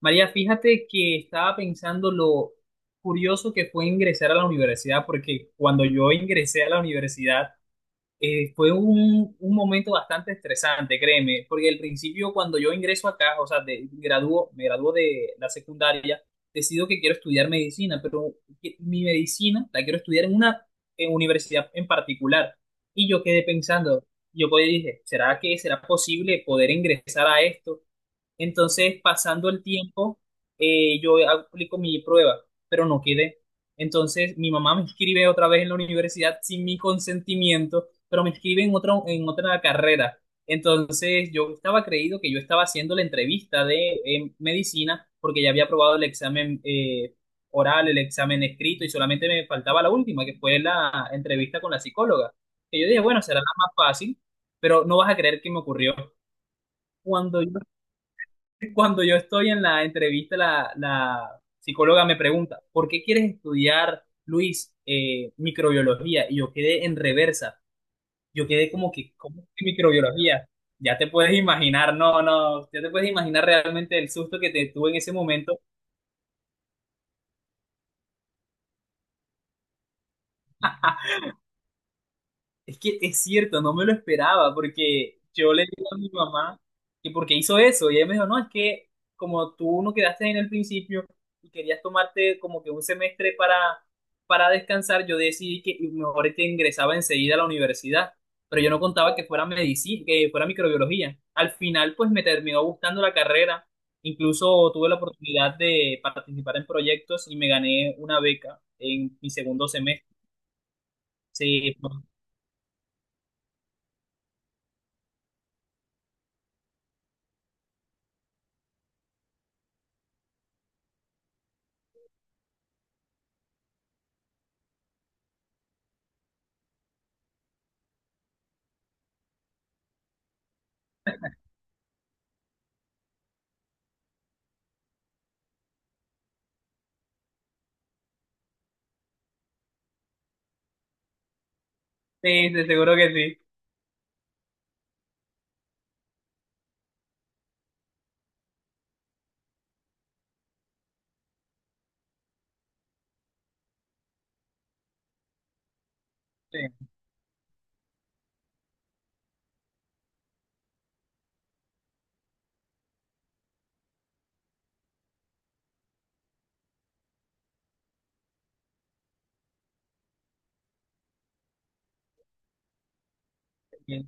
María, fíjate que estaba pensando lo curioso que fue ingresar a la universidad, porque cuando yo ingresé a la universidad fue un momento bastante estresante, créeme, porque al principio cuando yo ingreso acá, o sea, de, gradúo, me graduó de la secundaria, decido que quiero estudiar medicina, pero mi medicina la quiero estudiar en una universidad en particular. Y yo quedé pensando, yo pues dije, ¿será que será posible poder ingresar a esto? Entonces, pasando el tiempo, yo aplico mi prueba, pero no quedé. Entonces, mi mamá me inscribe otra vez en la universidad sin mi consentimiento, pero me inscribe en otra carrera. Entonces, yo estaba creído que yo estaba haciendo la entrevista de medicina porque ya había aprobado el examen oral, el examen escrito y solamente me faltaba la última, que fue la entrevista con la psicóloga. Que yo dije, bueno, será la más fácil, pero no vas a creer qué me ocurrió. Cuando yo cuando yo estoy en la entrevista, la psicóloga me pregunta, ¿por qué quieres estudiar, Luis, microbiología? Y yo quedé en reversa. Yo quedé como que, ¿cómo que microbiología? Ya te puedes imaginar, no, no, ya te puedes imaginar realmente el susto que te tuve en ese momento. Es que es cierto, no me lo esperaba porque yo le digo a mi mamá que porque hizo eso y ella me dijo, no, es que como tú no quedaste en el principio y querías tomarte como que un semestre para descansar, yo decidí que mejor te ingresaba enseguida a la universidad, pero yo no contaba que fuera medicina, que fuera microbiología. Al final, pues me terminó gustando la carrera, incluso tuve la oportunidad de participar en proyectos y me gané una beca en mi segundo semestre. Sí, sí, te seguro que sí. Sí, sí.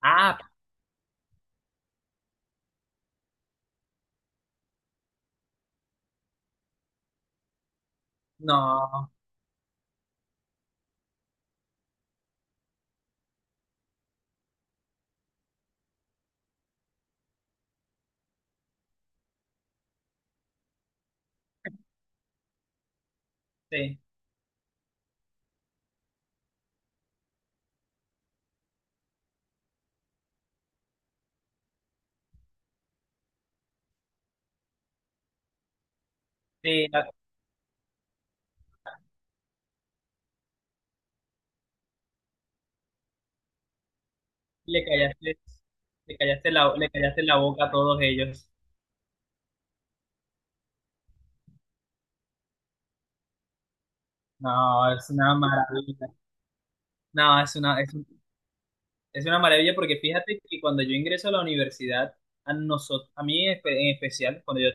Ah, no, sí, sí, le callaste, le callaste la boca a todos ellos. No, es una maravilla. No, es una, es una maravilla porque fíjate que cuando yo ingreso a la universidad, a nosotros, a mí en en especial, cuando yo,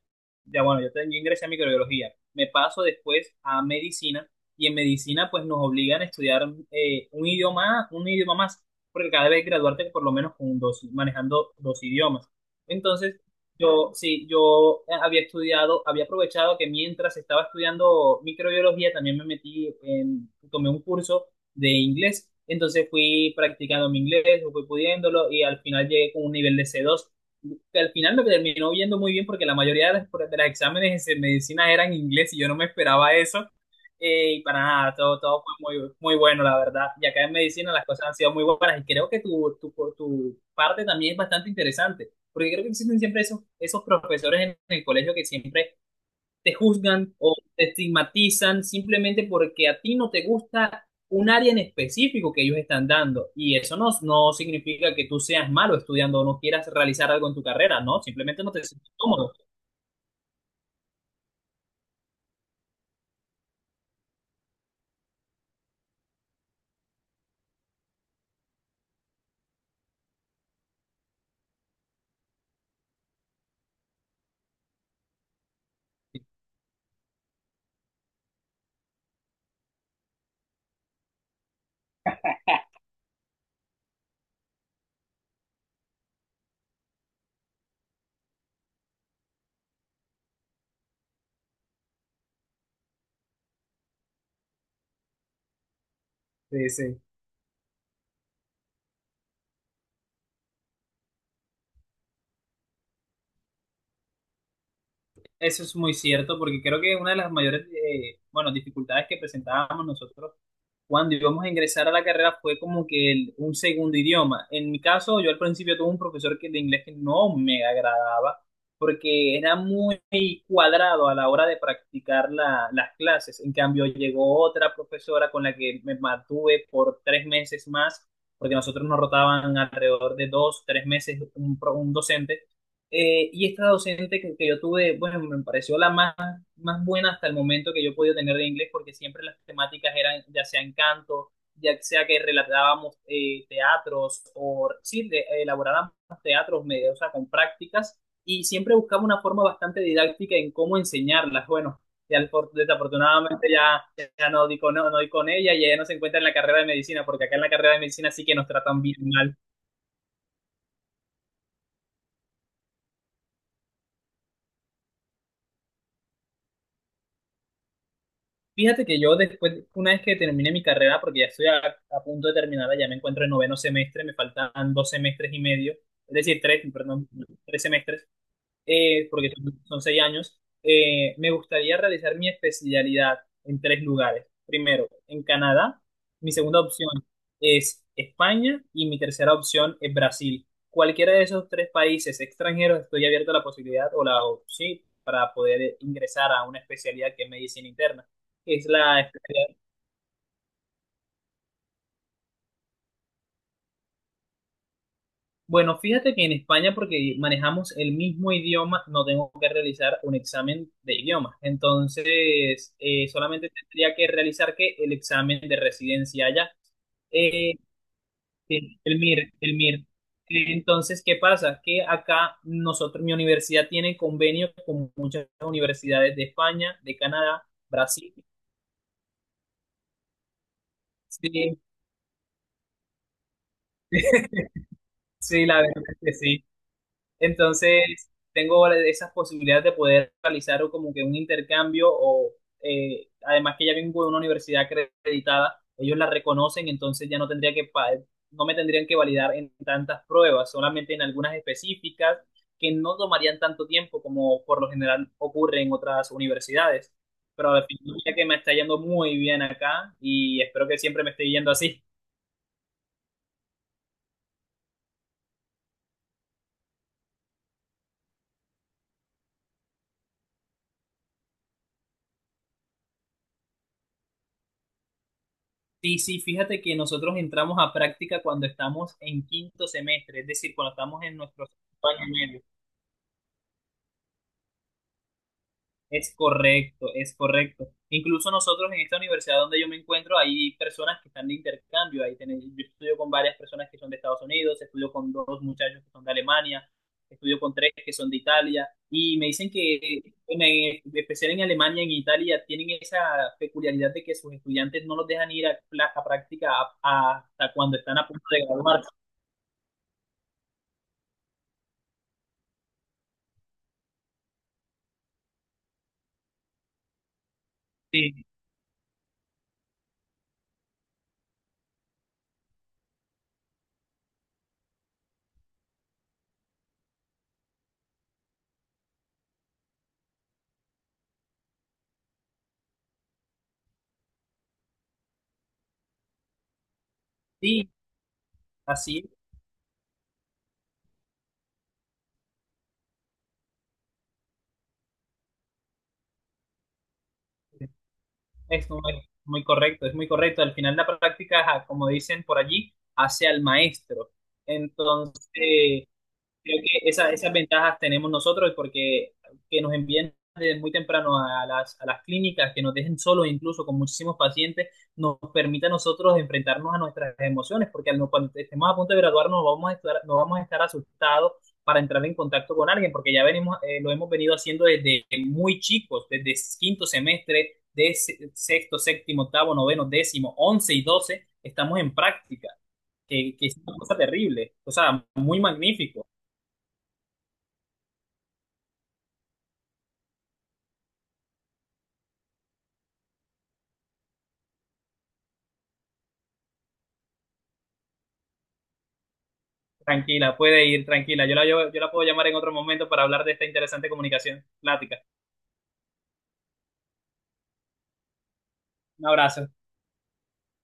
ya bueno, yo, yo ingresé a microbiología, me paso después a medicina y en medicina pues nos obligan a estudiar un idioma más, porque cada vez graduarte por lo menos con 2, manejando 2 idiomas. Entonces, yo, sí, yo había estudiado, había aprovechado que mientras estaba estudiando microbiología, también me metí en, tomé un curso de inglés. Entonces fui practicando mi inglés, fui pudiéndolo y al final llegué con un nivel de C2 que al final me terminó yendo muy bien porque la mayoría de las de los exámenes de medicina eran en inglés y yo no me esperaba eso. Y para nada, todo, todo fue muy, muy bueno, la verdad. Y acá en medicina las cosas han sido muy buenas y creo que tu parte también es bastante interesante, porque creo que existen siempre esos, esos profesores en el colegio que siempre te juzgan o te estigmatizan simplemente porque a ti no te gusta un área en específico que ellos están dando. Y eso no, no significa que tú seas malo estudiando o no quieras realizar algo en tu carrera, ¿no? Simplemente no te sientes cómodo. Sí, sí. Eso es muy cierto porque creo que una de las mayores, bueno, dificultades que presentábamos nosotros cuando íbamos a ingresar a la carrera fue como que un segundo idioma. En mi caso, yo al principio tuve un profesor que, de inglés que no me agradaba porque era muy cuadrado a la hora de practicar las clases. En cambio, llegó otra profesora con la que me mantuve por 3 meses más, porque nosotros nos rotaban alrededor de 2, 3 meses un docente. Y esta docente que yo tuve, bueno, me pareció la más más buena hasta el momento que yo he podido tener de inglés, porque siempre las temáticas eran ya sea encanto, ya sea que relatábamos teatros o sí, elaborábamos teatros medios, o sea, con prácticas, y siempre buscaba una forma bastante didáctica en cómo enseñarlas. Bueno, ya desafortunadamente ya, ya no di con, no, no di con ella y ella no se encuentra en la carrera de medicina, porque acá en la carrera de medicina sí que nos tratan bien mal. Fíjate que yo después, una vez que termine mi carrera, porque ya estoy a punto de terminarla, ya me encuentro en 9.º semestre, me faltan 2 semestres y medio, es decir, 3, perdón, 3 semestres porque son, son 6 años, me gustaría realizar mi especialidad en 3 lugares. Primero, en Canadá, mi segunda opción es España y mi tercera opción es Brasil. Cualquiera de esos 3 países extranjeros estoy abierto a la posibilidad o la opción sí, para poder ingresar a una especialidad que es medicina interna, que es la especialidad. Bueno, fíjate que en España, porque manejamos el mismo idioma, no tengo que realizar un examen de idioma. Entonces, solamente tendría que realizar que el examen de residencia allá. Eh, el MIR, el MIR. Entonces, ¿qué pasa? Que acá nosotros, mi universidad tiene convenio con muchas universidades de España, de Canadá, Brasil. Sí, sí, la verdad es que sí. Entonces, tengo esas posibilidades de poder realizar como que un intercambio o además que ya vengo de una universidad acreditada, ellos la reconocen, entonces ya no tendría que no me tendrían que validar en tantas pruebas, solamente en algunas específicas que no tomarían tanto tiempo como por lo general ocurre en otras universidades. Pero al final ya que me está yendo muy bien acá y espero que siempre me esté yendo así. Sí, sí, fíjate que nosotros entramos a práctica cuando estamos en 5.º semestre, es decir, cuando estamos en nuestro sexto año y medio. Es correcto, es correcto. Incluso nosotros en esta universidad donde yo me encuentro hay personas que están de intercambio. Ahí yo estudio con varias personas que son de Estados Unidos, estudio con dos muchachos que son de Alemania, estudio con tres que son de Italia. Y me dicen que, en especial en Alemania, y en Italia, tienen esa peculiaridad de que sus estudiantes no los dejan ir a, a práctica hasta cuando están a punto de graduarse. Sí, sí, así es, es muy, muy correcto, es muy correcto. Al final la práctica, ajá, como dicen por allí, hace al maestro. Entonces, creo que esas ventajas tenemos nosotros porque que nos envíen desde muy temprano a las clínicas, que nos dejen solos incluso con muchísimos pacientes, nos permite a nosotros enfrentarnos a nuestras emociones, porque al no- cuando estemos a punto de graduarnos vamos a estar, no vamos a estar asustados para entrar en contacto con alguien, porque ya venimos, lo hemos venido haciendo desde muy chicos, desde 5.º semestre, de sexto, séptimo, octavo, noveno, décimo, once y doce, estamos en práctica, que es una cosa terrible, o sea, muy magnífico. Tranquila, puede ir, tranquila. Yo la, yo la puedo llamar en otro momento para hablar de esta interesante comunicación. Plática. Un abrazo.